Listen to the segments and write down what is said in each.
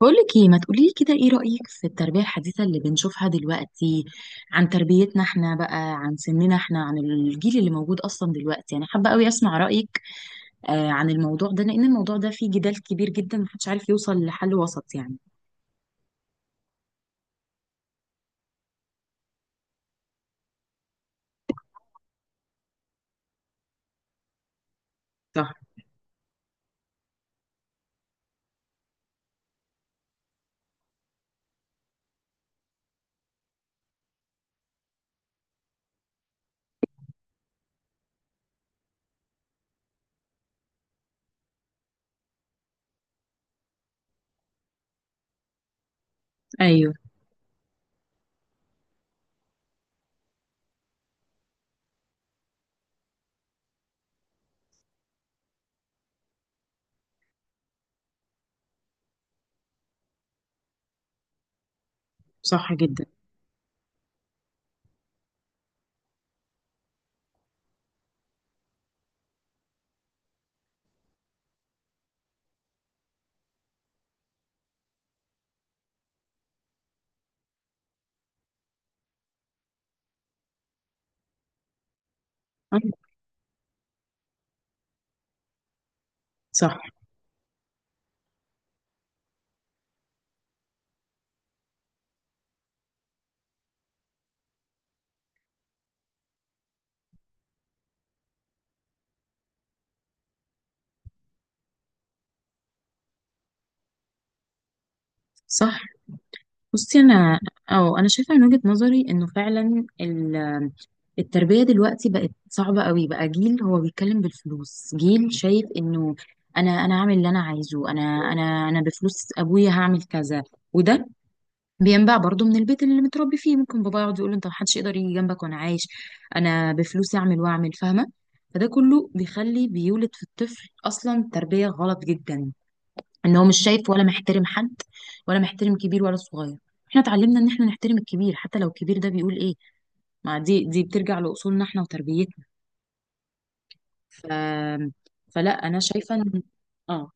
بقولك ايه؟ ما تقوليلي كده، ايه رأيك في التربية الحديثة اللي بنشوفها دلوقتي عن تربيتنا احنا، بقى عن سننا احنا، عن الجيل اللي موجود اصلا دلوقتي؟ يعني حابة قوي اسمع رأيك آه، عن الموضوع ده، لان الموضوع ده فيه جدال كبير جدا، محدش عارف يوصل لحل وسط يعني. صح. ايوه. صح جدا. أيوة. صح. صح. بصي، انا اه انا شايفة من وجهة نظري انه فعلا التربية دلوقتي بقت صعبة قوي. بقى جيل هو بيتكلم بالفلوس، جيل شايف انه انا هعمل اللي انا عايزه. انا بفلوس ابويا هعمل كذا. وده بينبع برضو من البيت اللي متربي فيه. ممكن بابا يقعد يقول: انت محدش يقدر يجي جنبك، وانا عايش انا بفلوسي اعمل واعمل، فاهمة؟ فده كله بيخلي، بيولد في الطفل اصلا تربية غلط جدا. ان هو مش شايف ولا محترم حد، ولا محترم كبير ولا صغير. احنا اتعلمنا ان احنا نحترم الكبير، حتى لو الكبير ده بيقول ايه. ما دي بترجع لاصولنا احنا وتربيتنا. ف... فلا انا شايفه ان. اه.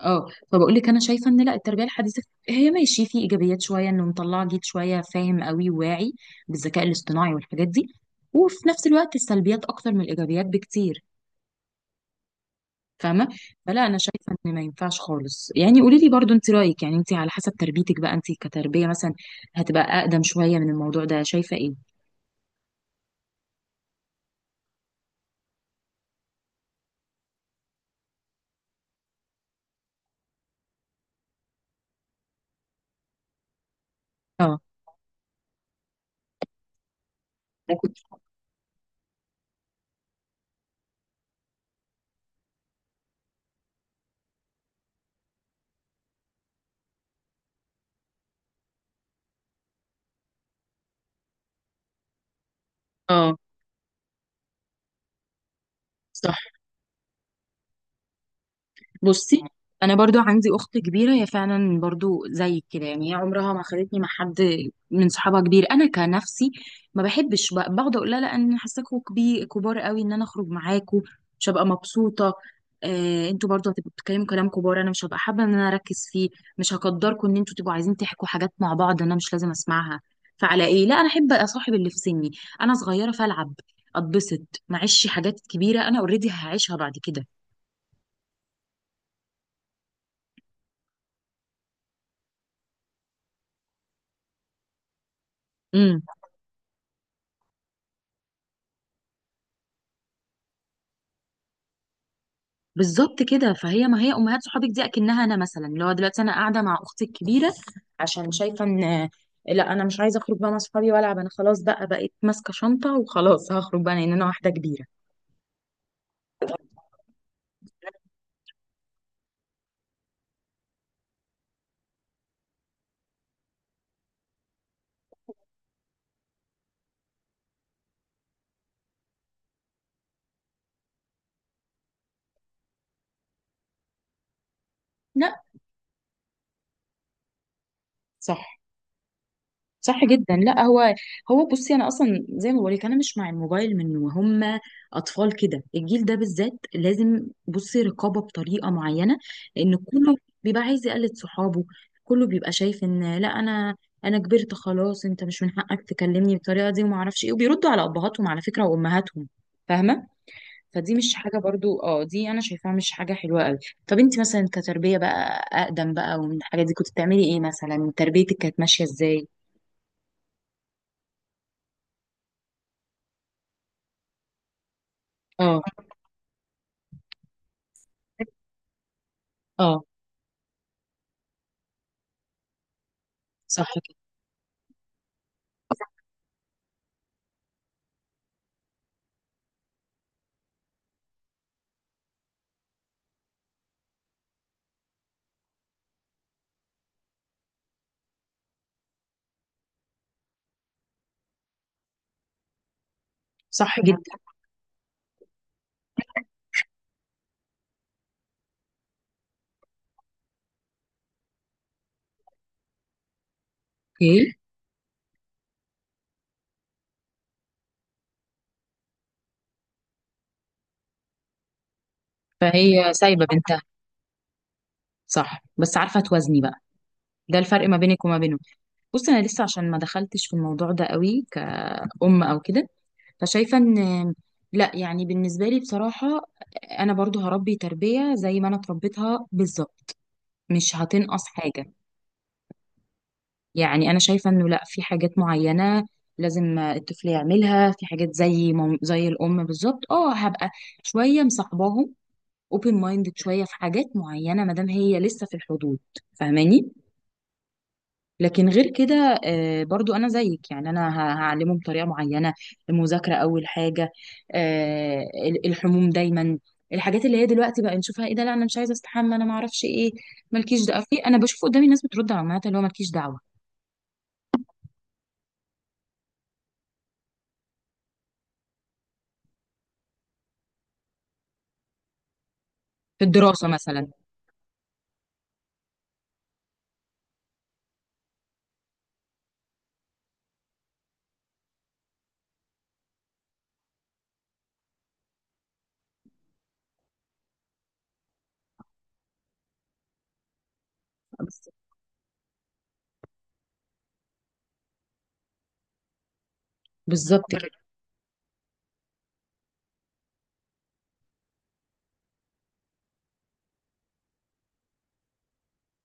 اه. فبقول لك، انا شايفه ان لا، التربيه الحديثه هي ماشي في ايجابيات شويه، انه مطلعه جيل شويه فاهم قوي وواعي بالذكاء الاصطناعي والحاجات دي. وفي نفس الوقت السلبيات اكتر من الايجابيات بكتير. فاهمه؟ فلا انا شايفه ان ما ينفعش خالص يعني. قولي لي برضو انت رايك، يعني انت على حسب تربيتك بقى، انت كتربيه مثلا هتبقى اقدم شويه من الموضوع ده، شايفه ايه؟ اه. ممكن. اه. صح. بصي، انا برضو عندي اخت كبيره، هي فعلا برضو زي كده يعني. هي عمرها ما خدتني مع حد من صحابها كبير. انا كنفسي ما بحبش، بقعد اقول لها: لا انا حاساكوا كبير، كبار قوي، ان انا اخرج معاكوا مش هبقى مبسوطه. انتوا برضو هتبقوا بتتكلموا كلام كبار، انا مش هبقى حابه ان انا اركز فيه. مش هقدركم ان انتوا تبقوا عايزين تحكوا حاجات مع بعض، انا مش لازم اسمعها. فعلى ايه؟ لا، انا احب اصاحب اللي في سني، انا صغيره فالعب، اتبسط، معيش حاجات كبيره، انا اوريدي هعيشها بعد كده. بالظبط كده. فهي، ما هي امهات صحابك دي اكنها انا مثلا، اللي هو دلوقتي انا قاعده مع اختي الكبيره، عشان شايفه ان لا، انا مش عايزه اخرج بقى مع صحابي والعب، انا خلاص بقى بقيت ماسكه شنطه وخلاص، هخرج بقى لان انا واحده كبيره. لا. صح. صح جدا. لا هو بصي انا اصلا زي ما بقولك، انا مش مع الموبايل من وهم اطفال كده. الجيل ده بالذات لازم، بصي، رقابه بطريقه معينه. لان كله بيبقى عايز يقلد صحابه، كله بيبقى شايف ان لا انا كبرت خلاص. انت مش من حقك تكلمني بالطريقه دي وما اعرفش ايه، وبيردوا على ابهاتهم على فكره، وامهاتهم. فاهمه؟ فدي مش حاجه برضو، دي انا شايفاها مش حاجه حلوه قوي. طب انت مثلا كتربيه بقى اقدم بقى ومن الحاجات دي، كنت بتعملي ايه مثلا؟ تربيتك كانت ماشيه ازاي؟ اه. اه. صح كده. صح جدا. اوكي. فهي سايبه بنتها. صح، بس عارفه توازني بقى. ده الفرق ما بينك وما بينهم. بص، انا لسه عشان ما دخلتش في الموضوع ده قوي كأم او كده. فشايفه ان لا، يعني بالنسبه لي بصراحه، انا برضو هربي تربيه زي ما انا اتربيتها بالظبط، مش هتنقص حاجه. يعني انا شايفه انه لا، في حاجات معينه لازم الطفل يعملها، في حاجات زي زي الام بالظبط، هبقى شويه مصاحباهم، اوبن مايندد شويه في حاجات معينه ما دام هي لسه في الحدود. فاهماني؟ لكن غير كده، برضو انا زيك، يعني انا هعلمه بطريقه معينه. المذاكره اول حاجه، آه، الحموم دايما. الحاجات اللي هي دلوقتي بقى نشوفها: ايه ده، لا انا مش عايزه استحمى، انا ما اعرفش ايه، مالكيش دعوه في. انا بشوف قدامي ناس بترد على امهاتها اللي هو: مالكيش دعوه في الدراسه مثلا. بالظبط كده.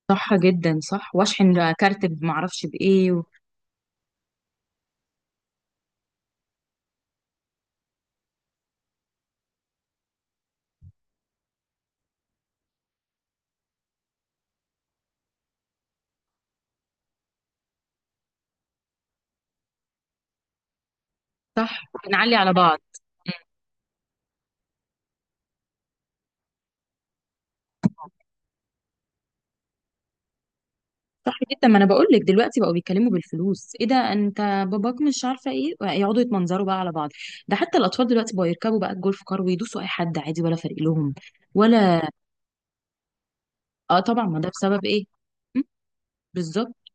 صح جدا. صح، واشحن كارت ما اعرفش بايه صح. نعلي على بعض. صح جدا. ما انا بقول لك، دلوقتي بقوا بيتكلموا بالفلوس: ايه ده، انت باباك، مش عارفه ايه. يقعدوا يتمنظروا بقى على بعض. ده حتى الاطفال دلوقتي بقوا يركبوا بقى الجولف كار ويدوسوا اي حد عادي، ولا فارق لهم ولا. اه، طبعا، ما ده بسبب ايه؟ م؟ بالظبط.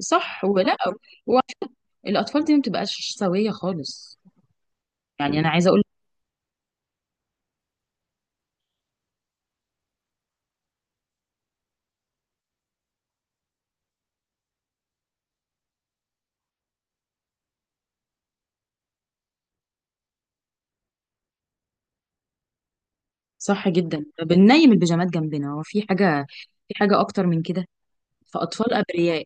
صح ولا. و- الاطفال دي ما بتبقاش سويه خالص. يعني انا عايزه اقول. صح جدا، بننيم البيجامات جنبنا. هو في حاجه؟ في حاجه اكتر من كده؟ فاطفال ابرياء.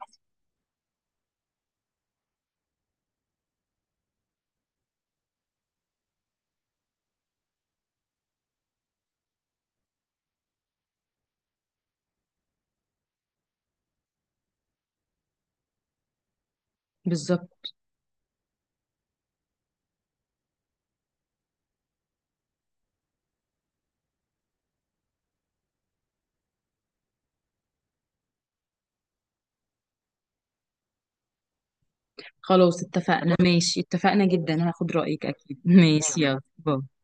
بالظبط. خلاص، اتفقنا، ماشي، اتفقنا جدا، هاخد رايك اكيد، ماشي، يلا باي.